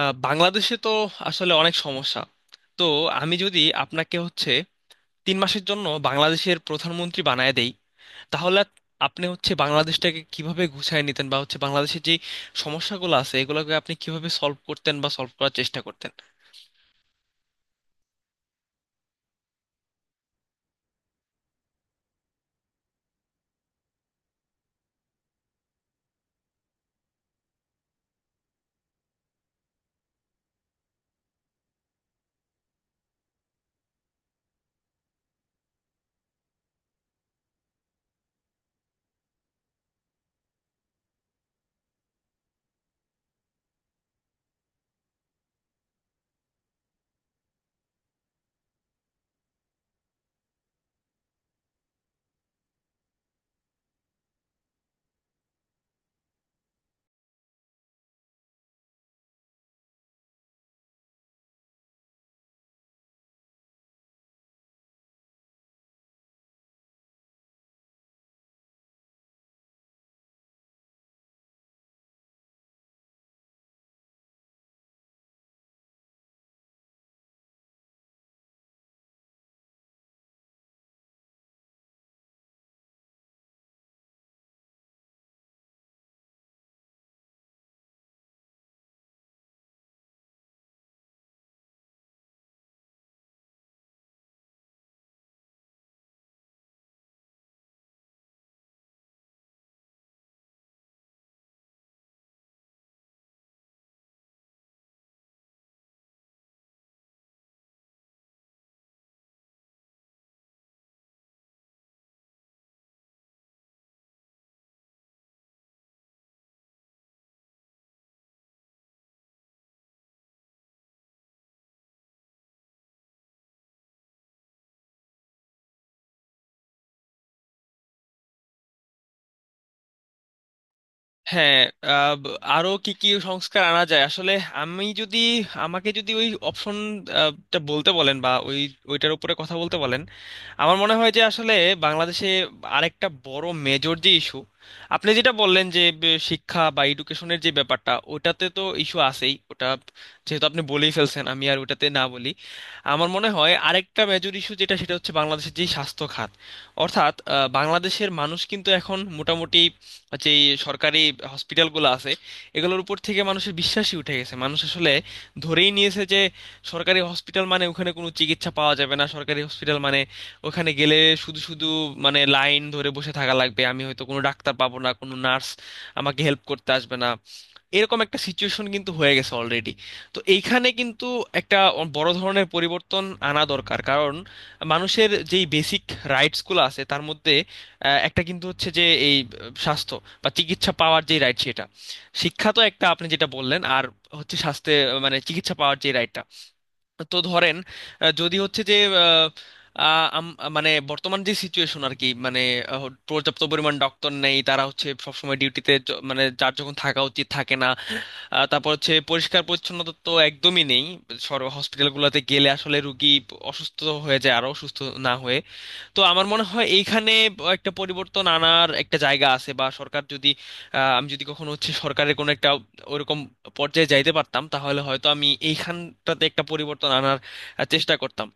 বাংলাদেশে তো আসলে অনেক সমস্যা। তো আমি যদি আপনাকে হচ্ছে 3 মাসের জন্য বাংলাদেশের প্রধানমন্ত্রী বানায় দেই, তাহলে আপনি হচ্ছে বাংলাদেশটাকে কিভাবে গুছায় নিতেন, বা হচ্ছে বাংলাদেশের যে সমস্যাগুলো আছে এগুলোকে আপনি কিভাবে সলভ করতেন বা সলভ করার চেষ্টা করতেন? হ্যাঁ। আহ, ব- আরো কি কি সংস্কার আনা যায় আসলে? আমি যদি, আমাকে যদি ওই অপশনটা বলতে বলেন বা ওইটার উপরে কথা বলতে বলেন, আমার মনে হয় যে আসলে বাংলাদেশে আরেকটা বড় মেজর যে ইস্যু, আপনি যেটা বললেন যে শিক্ষা বা এডুকেশনের যে ব্যাপারটা, ওটাতে তো ইস্যু আছেই, ওটা যেহেতু আপনি বলেই ফেলছেন আমি আর ওটাতে না বলি। আমার মনে হয় আরেকটা মেজর ইস্যু যেটা, সেটা হচ্ছে বাংলাদেশের যে স্বাস্থ্য খাত। অর্থাৎ বাংলাদেশের মানুষ কিন্তু এখন মোটামুটি যে সরকারি হসপিটালগুলো আছে এগুলোর উপর থেকে মানুষের বিশ্বাসই উঠে গেছে। মানুষ আসলে ধরেই নিয়েছে যে সরকারি হসপিটাল মানে ওখানে কোনো চিকিৎসা পাওয়া যাবে না, সরকারি হসপিটাল মানে ওখানে গেলে শুধু শুধু মানে লাইন ধরে বসে থাকা লাগবে, আমি হয়তো কোনো ডাক্তার পাবো না, কোনো নার্স আমাকে হেল্প করতে আসবে না। এরকম একটা সিচুয়েশন কিন্তু হয়ে গেছে অলরেডি। তো এইখানে কিন্তু একটা বড় ধরনের পরিবর্তন আনা দরকার, কারণ মানুষের যেই বেসিক রাইটসগুলো আছে তার মধ্যে একটা কিন্তু হচ্ছে যে এই স্বাস্থ্য বা চিকিৎসা পাওয়ার যে রাইট, সেটা। শিক্ষা তো একটা আপনি যেটা বললেন, আর হচ্ছে স্বাস্থ্যে মানে চিকিৎসা পাওয়ার যে রাইটটা। তো ধরেন যদি হচ্ছে যে আহ, আহ, আম- মানে বর্তমান যে সিচুয়েশন আর কি, মানে আহ, পর্যাপ্ত পরিমাণ ডক্টর নেই, তারা হচ্ছে সবসময় ডিউটিতে মানে যার যখন থাকা উচিত থাকে না। তারপর হচ্ছে পরিষ্কার পরিচ্ছন্নতা তো একদমই নেই, সর হসপিটালগুলোতে গেলে আসলে রুগী অসুস্থ হয়ে যায় আরো, অসুস্থ না হয়ে। তো আমার মনে হয় এইখানে একটা পরিবর্তন আনার একটা জায়গা আছে। বা সরকার যদি আমি যদি কখনো হচ্ছে সরকারের কোনো একটা ওরকম পর্যায়ে যাইতে পারতাম, তাহলে হয়তো আমি এইখানটাতে একটা পরিবর্তন আনার চেষ্টা করতাম।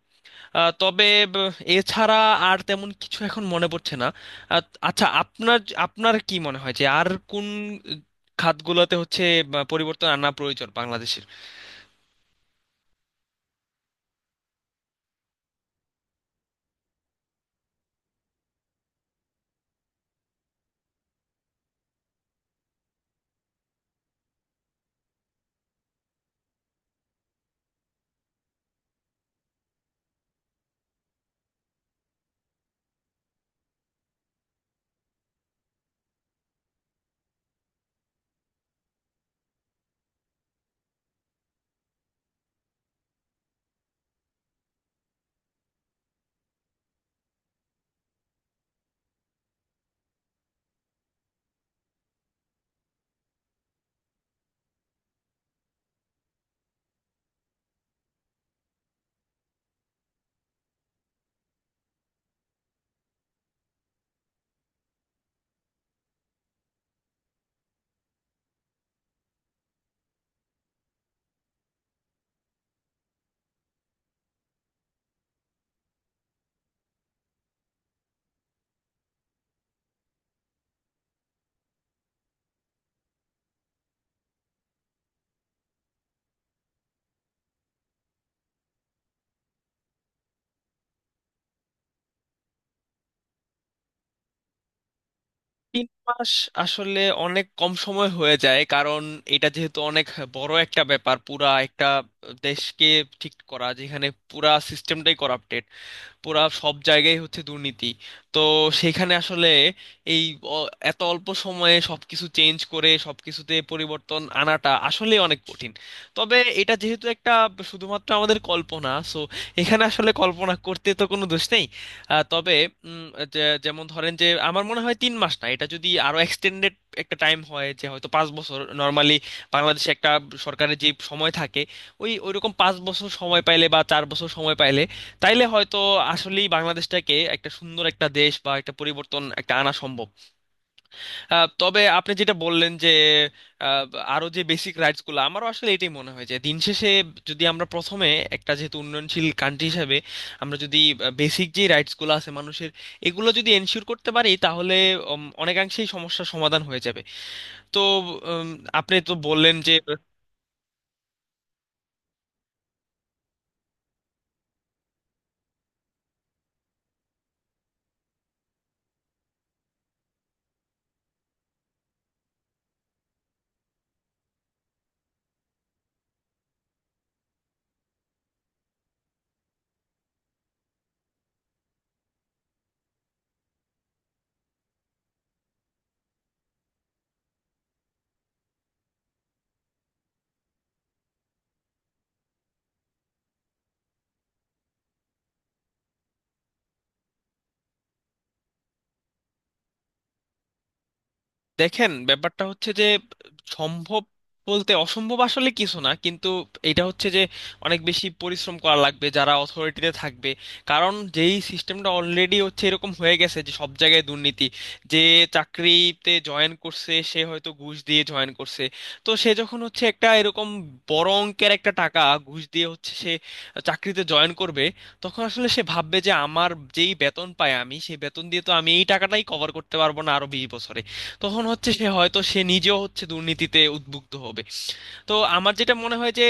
তবে ব- এছাড়া আর তেমন কিছু এখন মনে পড়ছে না। আহ, আচ্ছা, আপনার আপনার কি মনে হয় যে আর কোন খাতগুলোতে হচ্ছে বা পরিবর্তন আনা প্রয়োজন বাংলাদেশের? তিন মাস আসলে অনেক কম সময় হয়ে যায়, কারণ এটা যেহেতু অনেক বড় একটা ব্যাপার, পুরা একটা দেশকে ঠিক করা, যেখানে পুরা সিস্টেমটাই করাপ্টেড, পুরা সব জায়গায় হচ্ছে দুর্নীতি। তো সেখানে আসলে এই এত অল্প সময়ে সবকিছু চেঞ্জ করে সবকিছুতে পরিবর্তন আনাটা আসলে অনেক কঠিন। তবে এটা যেহেতু একটা শুধুমাত্র আমাদের কল্পনা, সো এখানে আসলে কল্পনা করতে তো কোনো দোষ নেই। তবে উম, যেমন ধরেন যে আমার মনে হয় 3 মাস না, এটা যদি আরো এক্সটেন্ডেড একটা টাইম হয়, যে হয়তো 5 বছর, নর্মালি বাংলাদেশে একটা সরকারের যে সময় থাকে ওইরকম 5 বছর সময় পাইলে বা 4 বছর সময় পাইলে, তাইলে হয়তো আসলেই বাংলাদেশটাকে একটা সুন্দর একটা দেশ বা একটা পরিবর্তন একটা আনা সম্ভব। তবে আপনি যেটা বললেন যে আহ, আরো যে বেসিক রাইটস গুলো, আমারও আসলে এটাই মনে হয় যে দিন শেষে যদি আমরা প্রথমে একটা যেহেতু উন্নয়নশীল কান্ট্রি হিসেবে আমরা যদি বেসিক যে রাইটস গুলো আছে মানুষের, এগুলো যদি এনশিওর করতে পারি, তাহলে অনেকাংশেই সমস্যার সমাধান হয়ে যাবে। তো উম, আপনি তো বললেন যে দেখেন, ব্যাপারটা হচ্ছে যে সম্ভব বলতে অসম্ভব আসলে কিছু না, কিন্তু এটা হচ্ছে যে অনেক বেশি পরিশ্রম করা লাগবে যারা অথরিটিতে থাকবে। কারণ যেই সিস্টেমটা অলরেডি হচ্ছে এরকম হয়ে গেছে যে সব জায়গায় দুর্নীতি, যে চাকরিতে জয়েন করছে সে হয়তো ঘুষ দিয়ে জয়েন করছে। তো সে যখন হচ্ছে একটা এরকম বড় অঙ্কের একটা টাকা ঘুষ দিয়ে হচ্ছে সে চাকরিতে জয়েন করবে, তখন আসলে সে ভাববে যে আমার যেই বেতন পাই আমি সেই বেতন দিয়ে তো আমি এই টাকাটাই কভার করতে পারবো না আরো 20 বছরে। তখন হচ্ছে সে হয়তো সে নিজেও হচ্ছে দুর্নীতিতে উদ্বুদ্ধ হবে। তো আমার যেটা মনে হয় যে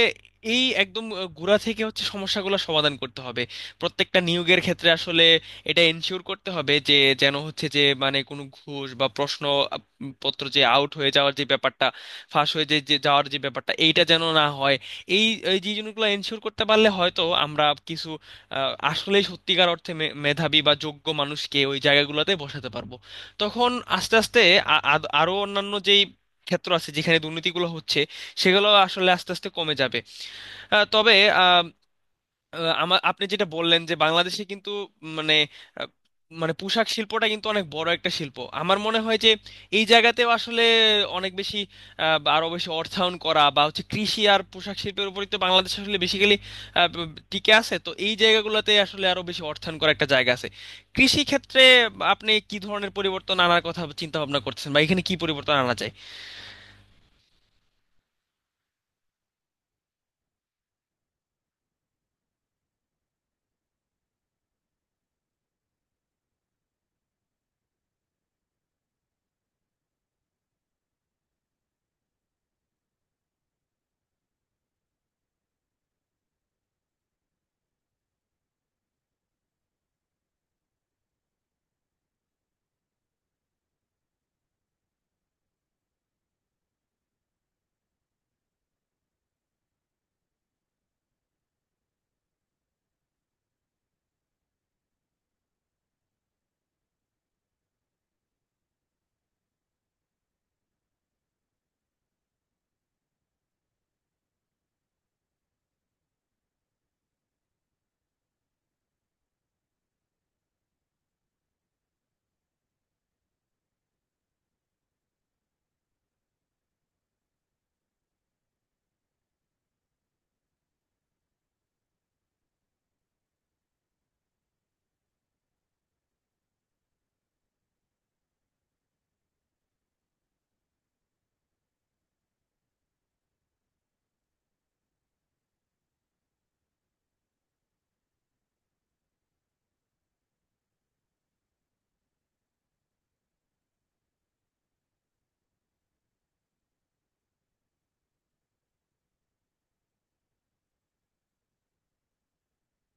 এই একদম গোড়া থেকে হচ্ছে সমস্যাগুলো সমাধান করতে হবে। প্রত্যেকটা নিয়োগের ক্ষেত্রে আসলে এটা এনশিওর করতে হবে যে যেন হচ্ছে যে মানে কোনো ঘুষ বা প্রশ্ন আপ- পত্র যে আউট হয়ে যাওয়ার যে ব্যাপারটা, ফাঁস হয়ে যে যে যাওয়ার যে ব্যাপারটা, এইটা যেন না হয়। এই এই যে জিনিসগুলো এনশিওর করতে পারলে হয়তো আমরা কিছু আসলে সত্যিকার অর্থে মেধাবী বা যোগ্য মানুষকে ওই জায়গাগুলোতে বসাতে পারবো। তখন আস্তে আস্তে আরো অন্যান্য যেই ক্ষেত্র আছে যেখানে দুর্নীতিগুলো হচ্ছে সেগুলো আসলে আস্তে আস্তে কমে যাবে। তবে আমার, আপনি যেটা বললেন যে বাংলাদেশে কিন্তু মানে আহ, মানে পোশাক শিল্পটা কিন্তু অনেক বড় একটা শিল্প, আমার মনে হয় যে এই জায়গাতেও আসলে অনেক বেশি বা আরো বেশি অর্থায়ন করা, বা হচ্ছে কৃষি আর পোশাক শিল্পের উপরই তো বাংলাদেশ আসলে বেসিক্যালি টিকে আছে, তো এই জায়গাগুলোতে আসলে আরো বেশি অর্থায়ন করা একটা জায়গা আছে। কৃষি ক্ষেত্রে আপনি কি ধরনের পরিবর্তন আনার কথা চিন্তা ভাবনা করতেছেন বা এখানে কি পরিবর্তন আনা যায়?